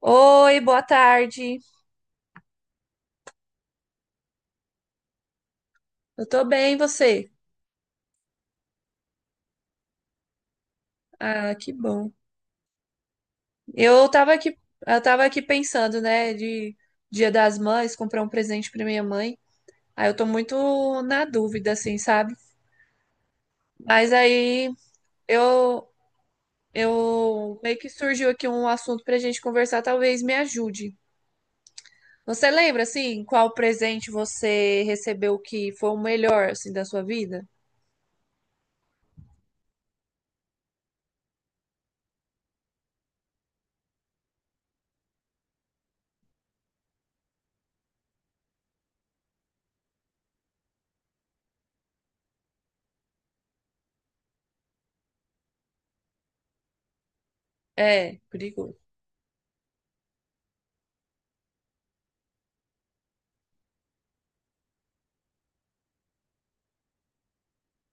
Oi, boa tarde. Eu tô bem, e você? Ah, que bom. Eu tava aqui, eu tava aqui pensando, né, de Dia das Mães, comprar um presente pra minha mãe. Aí eu tô muito na dúvida, assim, sabe? Mas aí eu, eu meio que surgiu aqui um assunto pra gente conversar, talvez me ajude. Você lembra, assim, qual presente você recebeu que foi o melhor, assim, da sua vida? É, perigoso.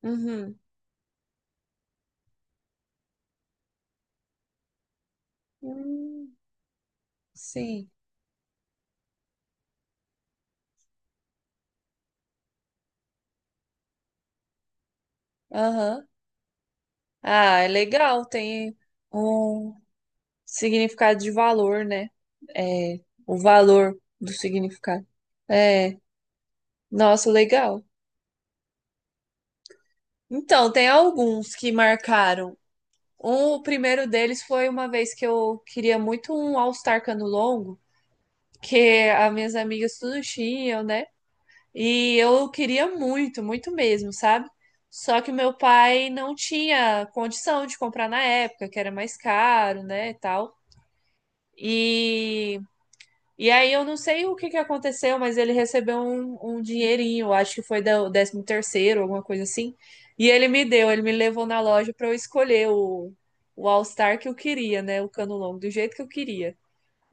Uhum. Hum, sim. Aham. Ah, é legal, tem um significado de valor, né? É, o valor do significado. É, nossa, legal. Então, tem alguns que marcaram. Um, o primeiro deles foi uma vez que eu queria muito um All-Star cano longo, que as minhas amigas tudo tinham, né? E eu queria muito, muito mesmo, sabe? Só que meu pai não tinha condição de comprar na época, que era mais caro, né, e tal. E E aí eu não sei o que que aconteceu, mas ele recebeu um dinheirinho, acho que foi o 13º terceiro, alguma coisa assim. E ele me deu, ele me levou na loja para eu escolher o All-Star que eu queria, né? O cano longo, do jeito que eu queria.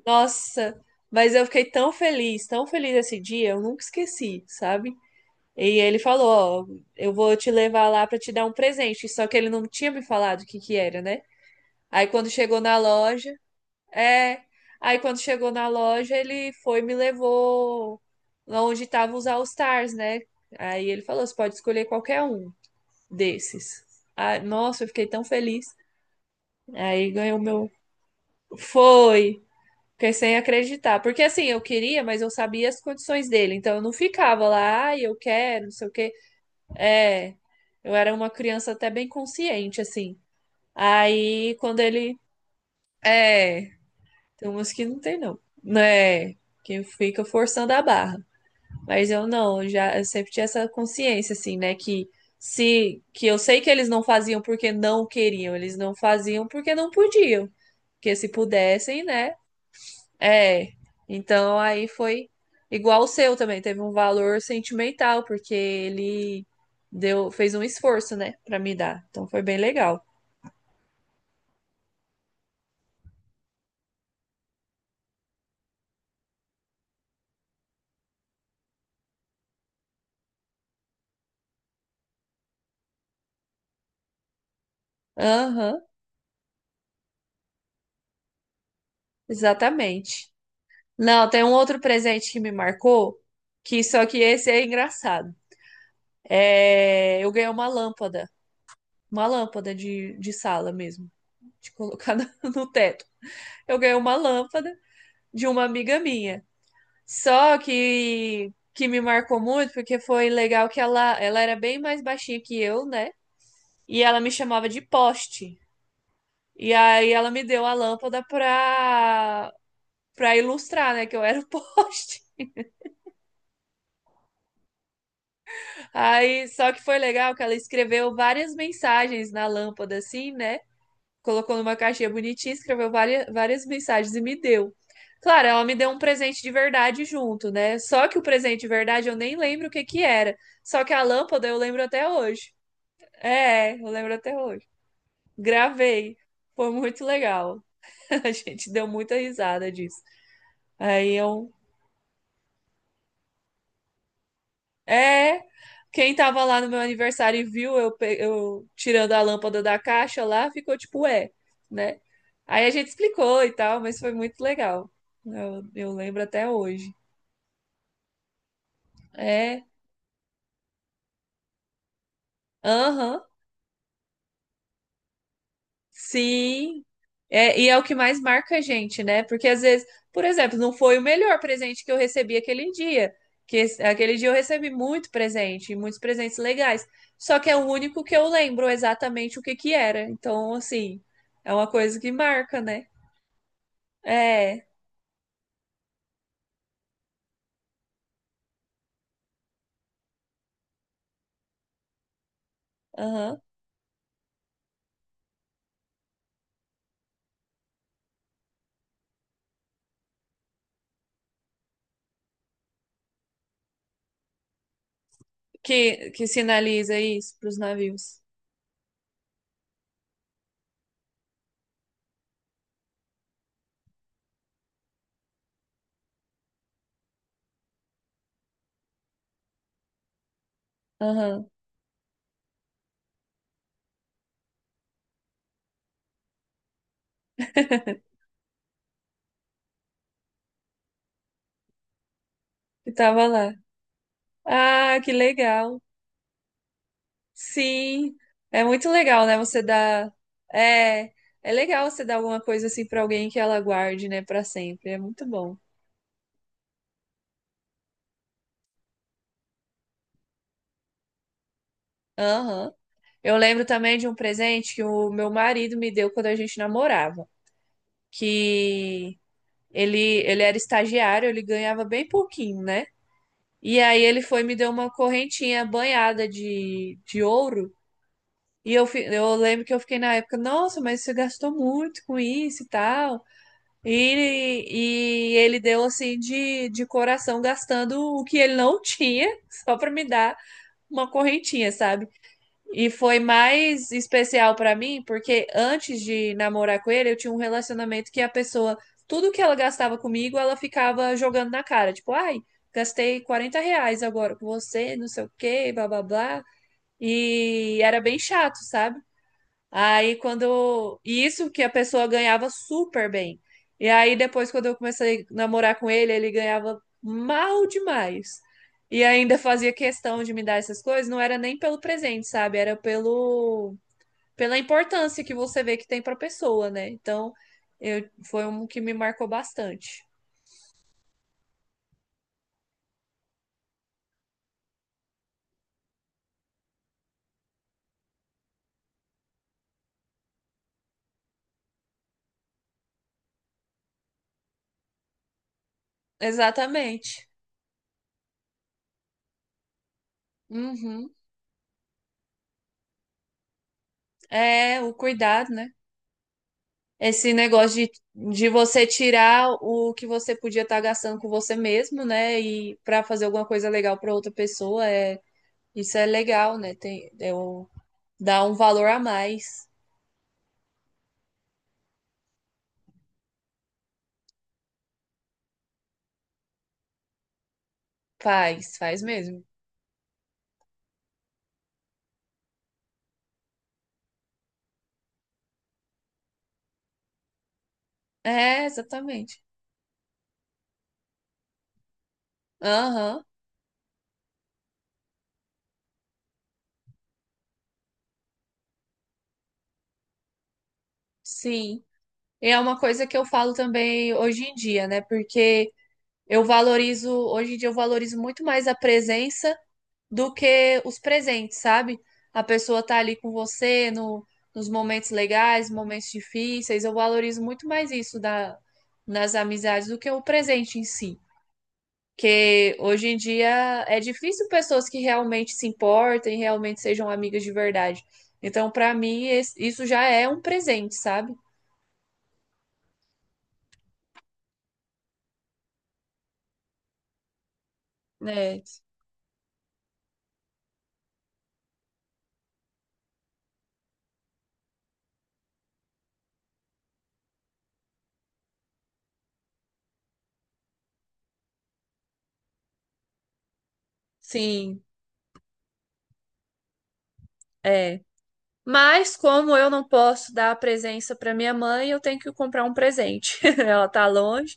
Nossa, mas eu fiquei tão feliz esse dia, eu nunca esqueci, sabe? E ele falou, ó, eu vou te levar lá para te dar um presente. Só que ele não tinha me falado o que que era, né? Aí quando chegou na loja, é. Aí quando chegou na loja, ele foi e me levou lá onde estavam os All Stars, né? Aí ele falou: você pode escolher qualquer um desses. Ah, nossa, eu fiquei tão feliz. Aí ganhou meu. Foi! Fiquei sem acreditar. Porque assim, eu queria, mas eu sabia as condições dele. Então eu não ficava lá, ai, eu quero, não sei o quê. É. Eu era uma criança até bem consciente, assim. Aí quando ele. É. Tem umas que não tem, não. Né? Que fica forçando a barra. Mas eu não, eu sempre tinha essa consciência, assim, né? Que se que eu sei que eles não faziam porque não queriam, eles não faziam porque não podiam. Porque se pudessem, né? É. Então aí foi igual o seu também, teve um valor sentimental, porque ele deu, fez um esforço, né, pra me dar. Então foi bem legal. Aham, exatamente. Não, tem um outro presente que me marcou, que só que esse é engraçado. É, eu ganhei uma lâmpada de sala mesmo, de colocar no teto. Eu ganhei uma lâmpada de uma amiga minha. Só que me marcou muito porque foi legal que ela era bem mais baixinha que eu, né? E ela me chamava de poste. E aí ela me deu a lâmpada pra para ilustrar, né, que eu era o poste. Aí, só que foi legal que ela escreveu várias mensagens na lâmpada, assim, né? Colocou numa caixinha bonitinha, escreveu várias, várias mensagens e me deu. Claro, ela me deu um presente de verdade junto, né? Só que o presente de verdade eu nem lembro o que que era. Só que a lâmpada eu lembro até hoje. É, eu lembro até hoje. Gravei. Foi muito legal. A gente deu muita risada disso. Aí é um. É, quem tava lá no meu aniversário e viu eu, eu tirando a lâmpada da caixa lá, ficou tipo, ué, né? Aí a gente explicou e tal, mas foi muito legal. Eu lembro até hoje. É, aham. Sim, é, e é o que mais marca a gente, né? Porque às vezes, por exemplo, não foi o melhor presente que eu recebi aquele dia, que aquele dia eu recebi muito presente, muitos presentes legais, só que é o único que eu lembro exatamente o que que era. Então, assim, é uma coisa que marca, né? É, aham. Que sinaliza isso para os navios. Aham, que tava lá. Ah, que legal. Sim, é muito legal, né? Você dá. É, é legal você dar alguma coisa assim pra alguém que ela guarde, né, pra sempre. É muito bom. Aham. Eu lembro também de um presente que o meu marido me deu quando a gente namorava, que ele ele era estagiário, ele ganhava bem pouquinho, né? E aí ele foi e me deu uma correntinha banhada de ouro. E eu, eu lembro que eu fiquei na época, nossa, mas você gastou muito com isso e tal. E ele deu assim de coração, gastando o que ele não tinha, só para me dar uma correntinha, sabe? E foi mais especial para mim, porque antes de namorar com ele, eu tinha um relacionamento que a pessoa, tudo que ela gastava comigo, ela ficava jogando na cara. Tipo, ai, gastei 40 reais agora com você, não sei o quê, blá blá blá. E era bem chato, sabe? Aí quando. E isso que a pessoa ganhava super bem. E aí depois, quando eu comecei a namorar com ele, ele ganhava mal demais. E ainda fazia questão de me dar essas coisas, não era nem pelo presente, sabe? Era pelo pela importância que você vê que tem para a pessoa, né? Então, eu foi um que me marcou bastante. Exatamente. Uhum. É, o cuidado, né? Esse negócio de você tirar o que você podia estar gastando com você mesmo, né? E para fazer alguma coisa legal para outra pessoa, é, isso é legal, né? Tem, dá um valor a mais. Faz, faz mesmo. É, exatamente. Aham, sim. E é uma coisa que eu falo também hoje em dia, né? Porque eu valorizo, hoje em dia eu valorizo muito mais a presença do que os presentes, sabe? A pessoa tá ali com você no, nos momentos legais, momentos difíceis. Eu valorizo muito mais isso da, nas amizades do que o presente em si. Porque hoje em dia é difícil pessoas que realmente se importem, realmente sejam amigas de verdade. Então, pra mim, isso já é um presente, sabe? É, sim, é. Mas como eu não posso dar a presença pra minha mãe, eu tenho que comprar um presente. Ela tá longe.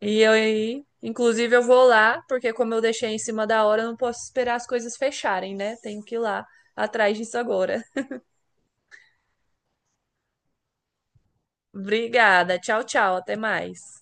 E eu, aí, inclusive, eu vou lá, porque como eu deixei em cima da hora, eu não posso esperar as coisas fecharem, né? Tenho que ir lá atrás disso agora. Obrigada. Tchau, tchau. Até mais.